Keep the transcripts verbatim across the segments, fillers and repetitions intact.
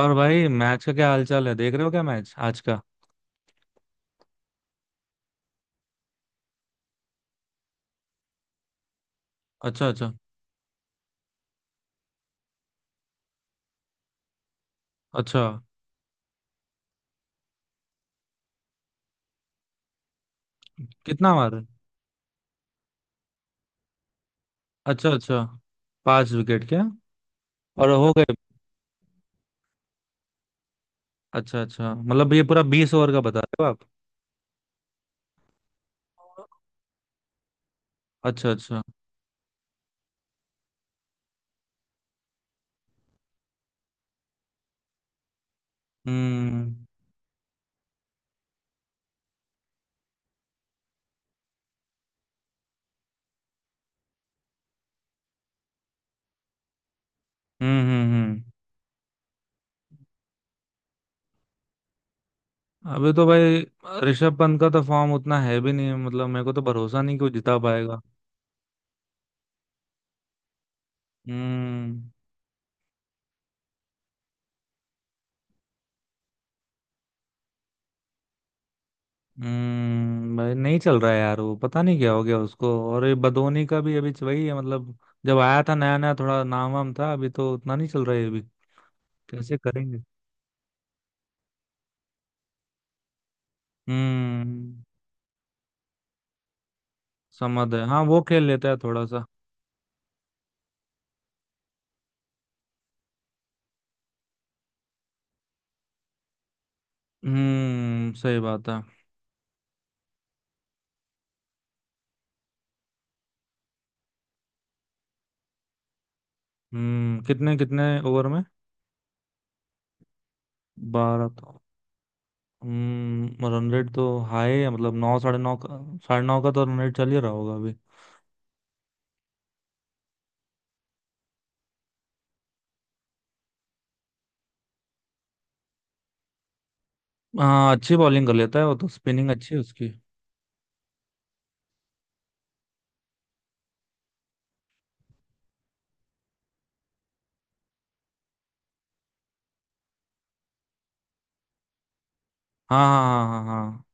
और भाई, मैच का क्या हालचाल है? देख रहे हो क्या मैच आज का? अच्छा, अच्छा। अच्छा। कितना मारे? अच्छा, अच्छा। पांच विकेट क्या? और हो गए? अच्छा, अच्छा। मतलब ये पूरा बीस ओवर का बता रहे हो आप? अच्छा, अच्छा। हम्म, हम्म, हम्म, हम्म। अभी तो भाई ऋषभ पंत का तो फॉर्म उतना है भी नहीं। मतलब मेरे को तो भरोसा नहीं कि वो जिता पाएगा। हम्म। हम्म, भाई नहीं चल रहा है यार। वो पता नहीं क्या हो गया उसको। और ये बदोनी का भी अभी वही है मतलब। जब आया था नया नया, थोड़ा नाम वाम था, अभी तो उतना नहीं चल रहा है अभी। कैसे करेंगे? हम्म। समझ है, हाँ वो खेल लेता है थोड़ा सा। हम्म, सही बात है। हम्म, कितने कितने ओवर में? बारह तो। हम्म, रन रेट तो हाई है। मतलब नौ, साढ़े नौ का। साढ़े नौ का तो रन रेट चल ही रहा होगा अभी। हाँ, अच्छी बॉलिंग कर लेता है वो तो। स्पिनिंग अच्छी है उसकी। हाँ, हाँ, हाँ, हाँ।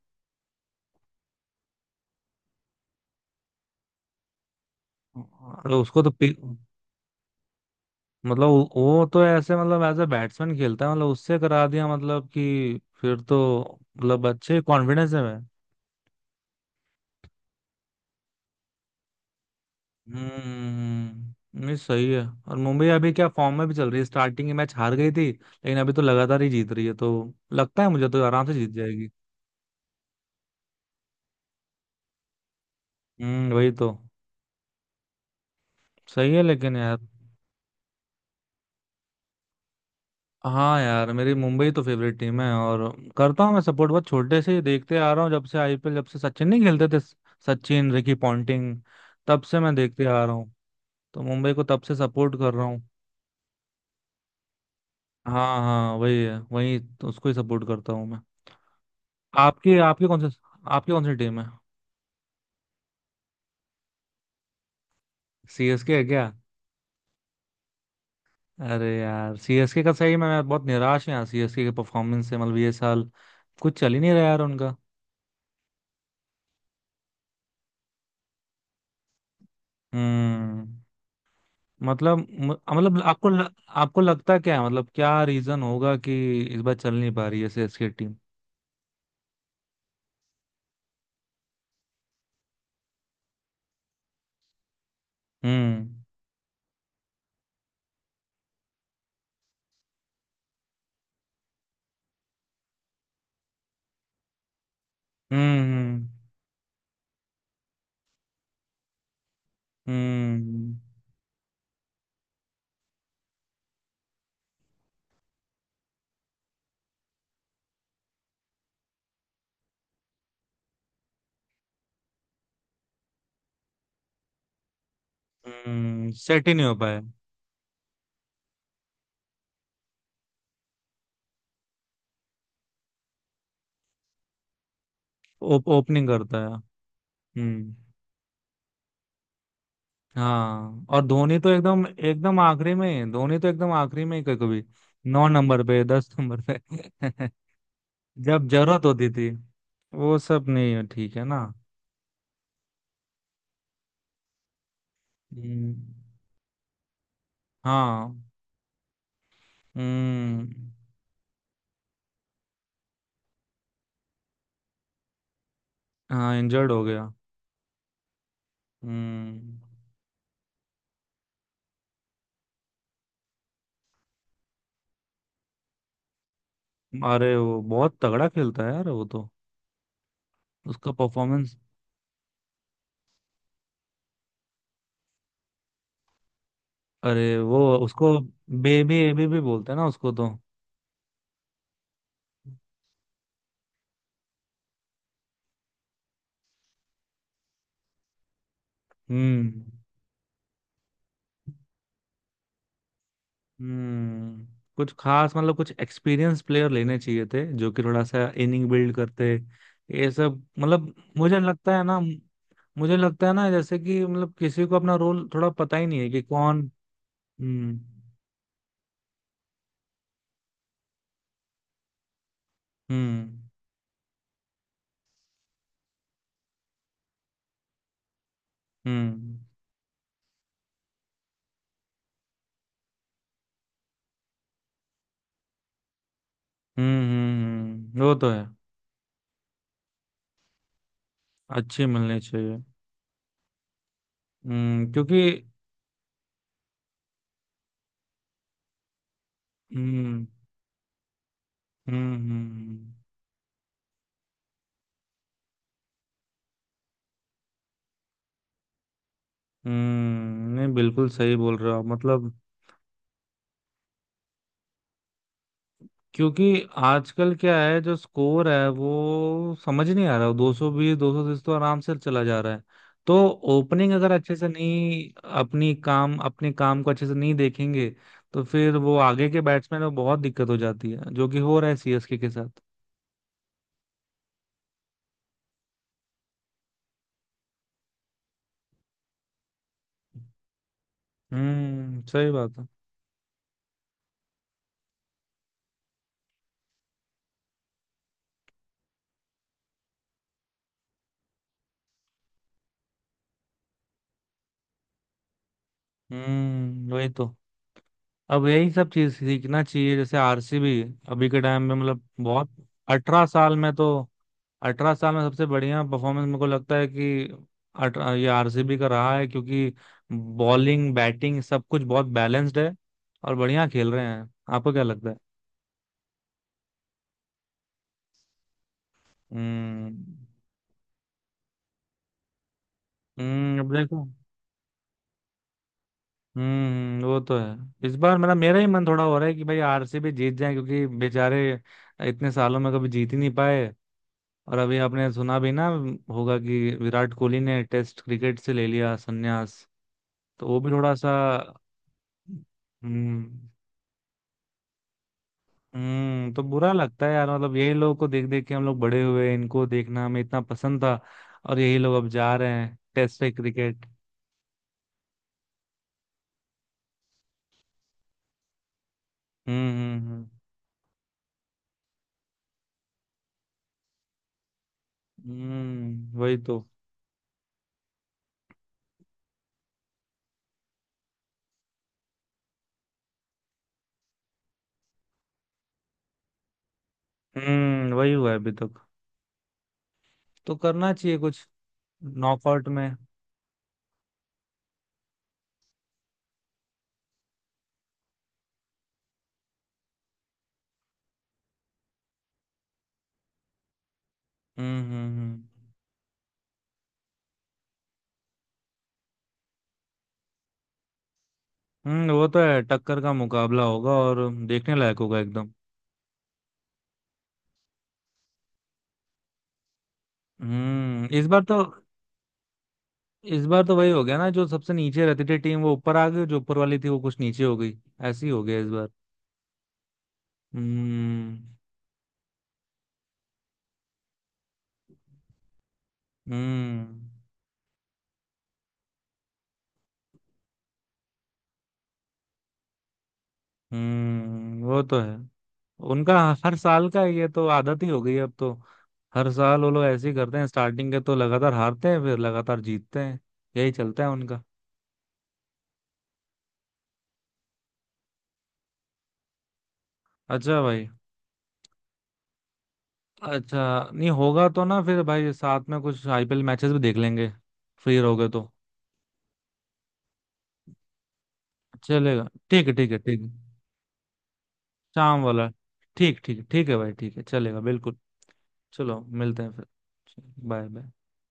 हाँ, अरे उसको तो। मतलब वो वो तो ऐसे, मतलब एज ए बैट्समैन खेलता है, मतलब उससे करा दिया, मतलब कि फिर तो। मतलब अच्छे कॉन्फिडेंस है मैं। हम्म, नहीं सही है। और मुंबई अभी क्या फॉर्म में भी चल रही है! स्टार्टिंग मैच हार गई थी लेकिन अभी तो लगातार ही जीत रही है तो। लगता है मुझे तो आराम से जीत जाएगी। हम्म, वही तो। सही है लेकिन यार। हाँ यार, मेरी मुंबई तो फेवरेट टीम है और करता हूँ मैं सपोर्ट, बहुत छोटे से ही देखते आ रहा हूँ, जब से आई पी एल, जब से सचिन नहीं खेलते थे। Sachin, Ricky Ponting. तब से मैं देखते आ रहा हूँ। तो मुंबई को तब से सपोर्ट कर रहा हूँ। हाँ, हाँ, वही है। वही तो, उसको ही सपोर्ट करता हूँ मैं। आपके आपके कौन से। आपके कौन सी टीम है? सी एस के है क्या? अरे यार, सी एस के का सही में मैं बहुत निराश हूँ यार, सीएसके के परफॉर्मेंस से। मतलब ये साल कुछ चल ही नहीं रहा यार उनका। हम्म। मतलब म- मतलब आपको ल- आपको लगता क्या है, मतलब क्या रीजन होगा कि इस बार चल नहीं पा रही है सी एस के टीम। हम्म, हम्म, हम्म, हम्म। सेट ही नहीं हो पाया। ओप, ओपनिंग करता है। हम्म, हाँ। और धोनी तो एकदम एकदम आखिरी में, धोनी तो एकदम आखिरी में ही कभी कभी। नौ नंबर पे, दस नंबर पे जब जरूरत होती थी। वो सब नहीं है, ठीक है ना। हम्म, हाँ। हम्म, हाँ। इंजर्ड हो गया। हम्म। अरे वो बहुत तगड़ा खेलता है यार वो तो। उसका परफॉर्मेंस। अरे वो, उसको बेबी ए बी भी बोलते हैं ना उसको तो। हम्म, हम्म। कुछ खास, मतलब कुछ एक्सपीरियंस प्लेयर लेने चाहिए थे जो कि थोड़ा सा इनिंग बिल्ड करते। ये सब मतलब। मुझे लगता है ना। मुझे लगता है ना, जैसे कि मतलब किसी को अपना रोल थोड़ा पता ही नहीं है कि कौन। हम्म, हम्म, हम्म, हम्म, हम्म, हम्म, वो तो है। अच्छी मिलनी चाहिए। हम्म, क्योंकि। हम्म, हम्म, हम्म, हम्म, नहीं बिल्कुल सही बोल रहे हो आप मतलब। क्योंकि आजकल क्या है, जो स्कोर है वो समझ नहीं आ रहा। दो सौ बीस, दो सौ तीस तो आराम से चला जा रहा है। तो ओपनिंग अगर अच्छे से नहीं, अपनी काम, अपने काम को अच्छे से नहीं देखेंगे, तो फिर वो आगे के बैट्समैन में बहुत दिक्कत हो जाती है, जो कि हो रहा है सीएसके के के साथ। हम्म, सही बात है। हम्म, वही तो। अब यही सब चीज सीखना चाहिए, जैसे आर सी बी अभी के टाइम में मतलब बहुत। अठारह साल में तो, अठारह साल में सबसे बढ़िया परफॉर्मेंस मेरे को लगता है कि अठारह ये आर सी बी का रहा है, क्योंकि बॉलिंग, बैटिंग सब कुछ बहुत बैलेंस्ड है और बढ़िया खेल रहे हैं। आपको क्या लगता है? हम्म, हम्म, अब देखो। हम्म, वो तो है। इस बार मेरा, मेरा ही मन थोड़ा हो रहा है कि भाई आर सी बी जीत जाए, क्योंकि बेचारे इतने सालों में कभी जीत ही नहीं पाए। और अभी आपने सुना भी ना होगा कि विराट कोहली ने टेस्ट क्रिकेट से ले लिया संन्यास। तो वो भी थोड़ा सा। हम्म, हम्म। तो बुरा लगता है यार, मतलब यही लोगों को देख देख के हम लोग बड़े हुए, इनको देखना हमें इतना पसंद था। और यही लोग अब जा रहे हैं टेस्ट पे क्रिकेट। हम्म, हम्म, हम्म, हम्म, वही तो। हम्म, वही हुआ है अभी तक। तो करना चाहिए कुछ। नॉकआउट में। हम्म, हम्म, हम्म, हम्म, वो तो है। टक्कर का मुकाबला होगा और देखने लायक होगा एकदम। हम्म, इस बार तो। इस बार तो वही हो गया ना, जो सबसे नीचे रहती थी टीम वो ऊपर आ गई, जो ऊपर वाली थी वो कुछ नीचे हो गई। ऐसी हो गया इस बार। हम्म, हम्म, हम्म, वो तो है उनका। हर साल का ये तो आदत ही हो गई है अब तो। हर साल वो लोग ऐसे ही करते हैं, स्टार्टिंग के तो लगातार हारते हैं, फिर लगातार जीतते हैं। यही चलता है उनका। अच्छा भाई। अच्छा, नहीं होगा तो ना, फिर भाई साथ में कुछ आई पी एल मैचेस भी देख लेंगे। फ्री रहोगे तो। चलेगा, ठीक है, ठीक है, ठीक है। शाम वाला। ठीक, ठीक, ठीक है भाई, ठीक है, चलेगा बिल्कुल। चलो, मिलते हैं फिर। Bye, bye.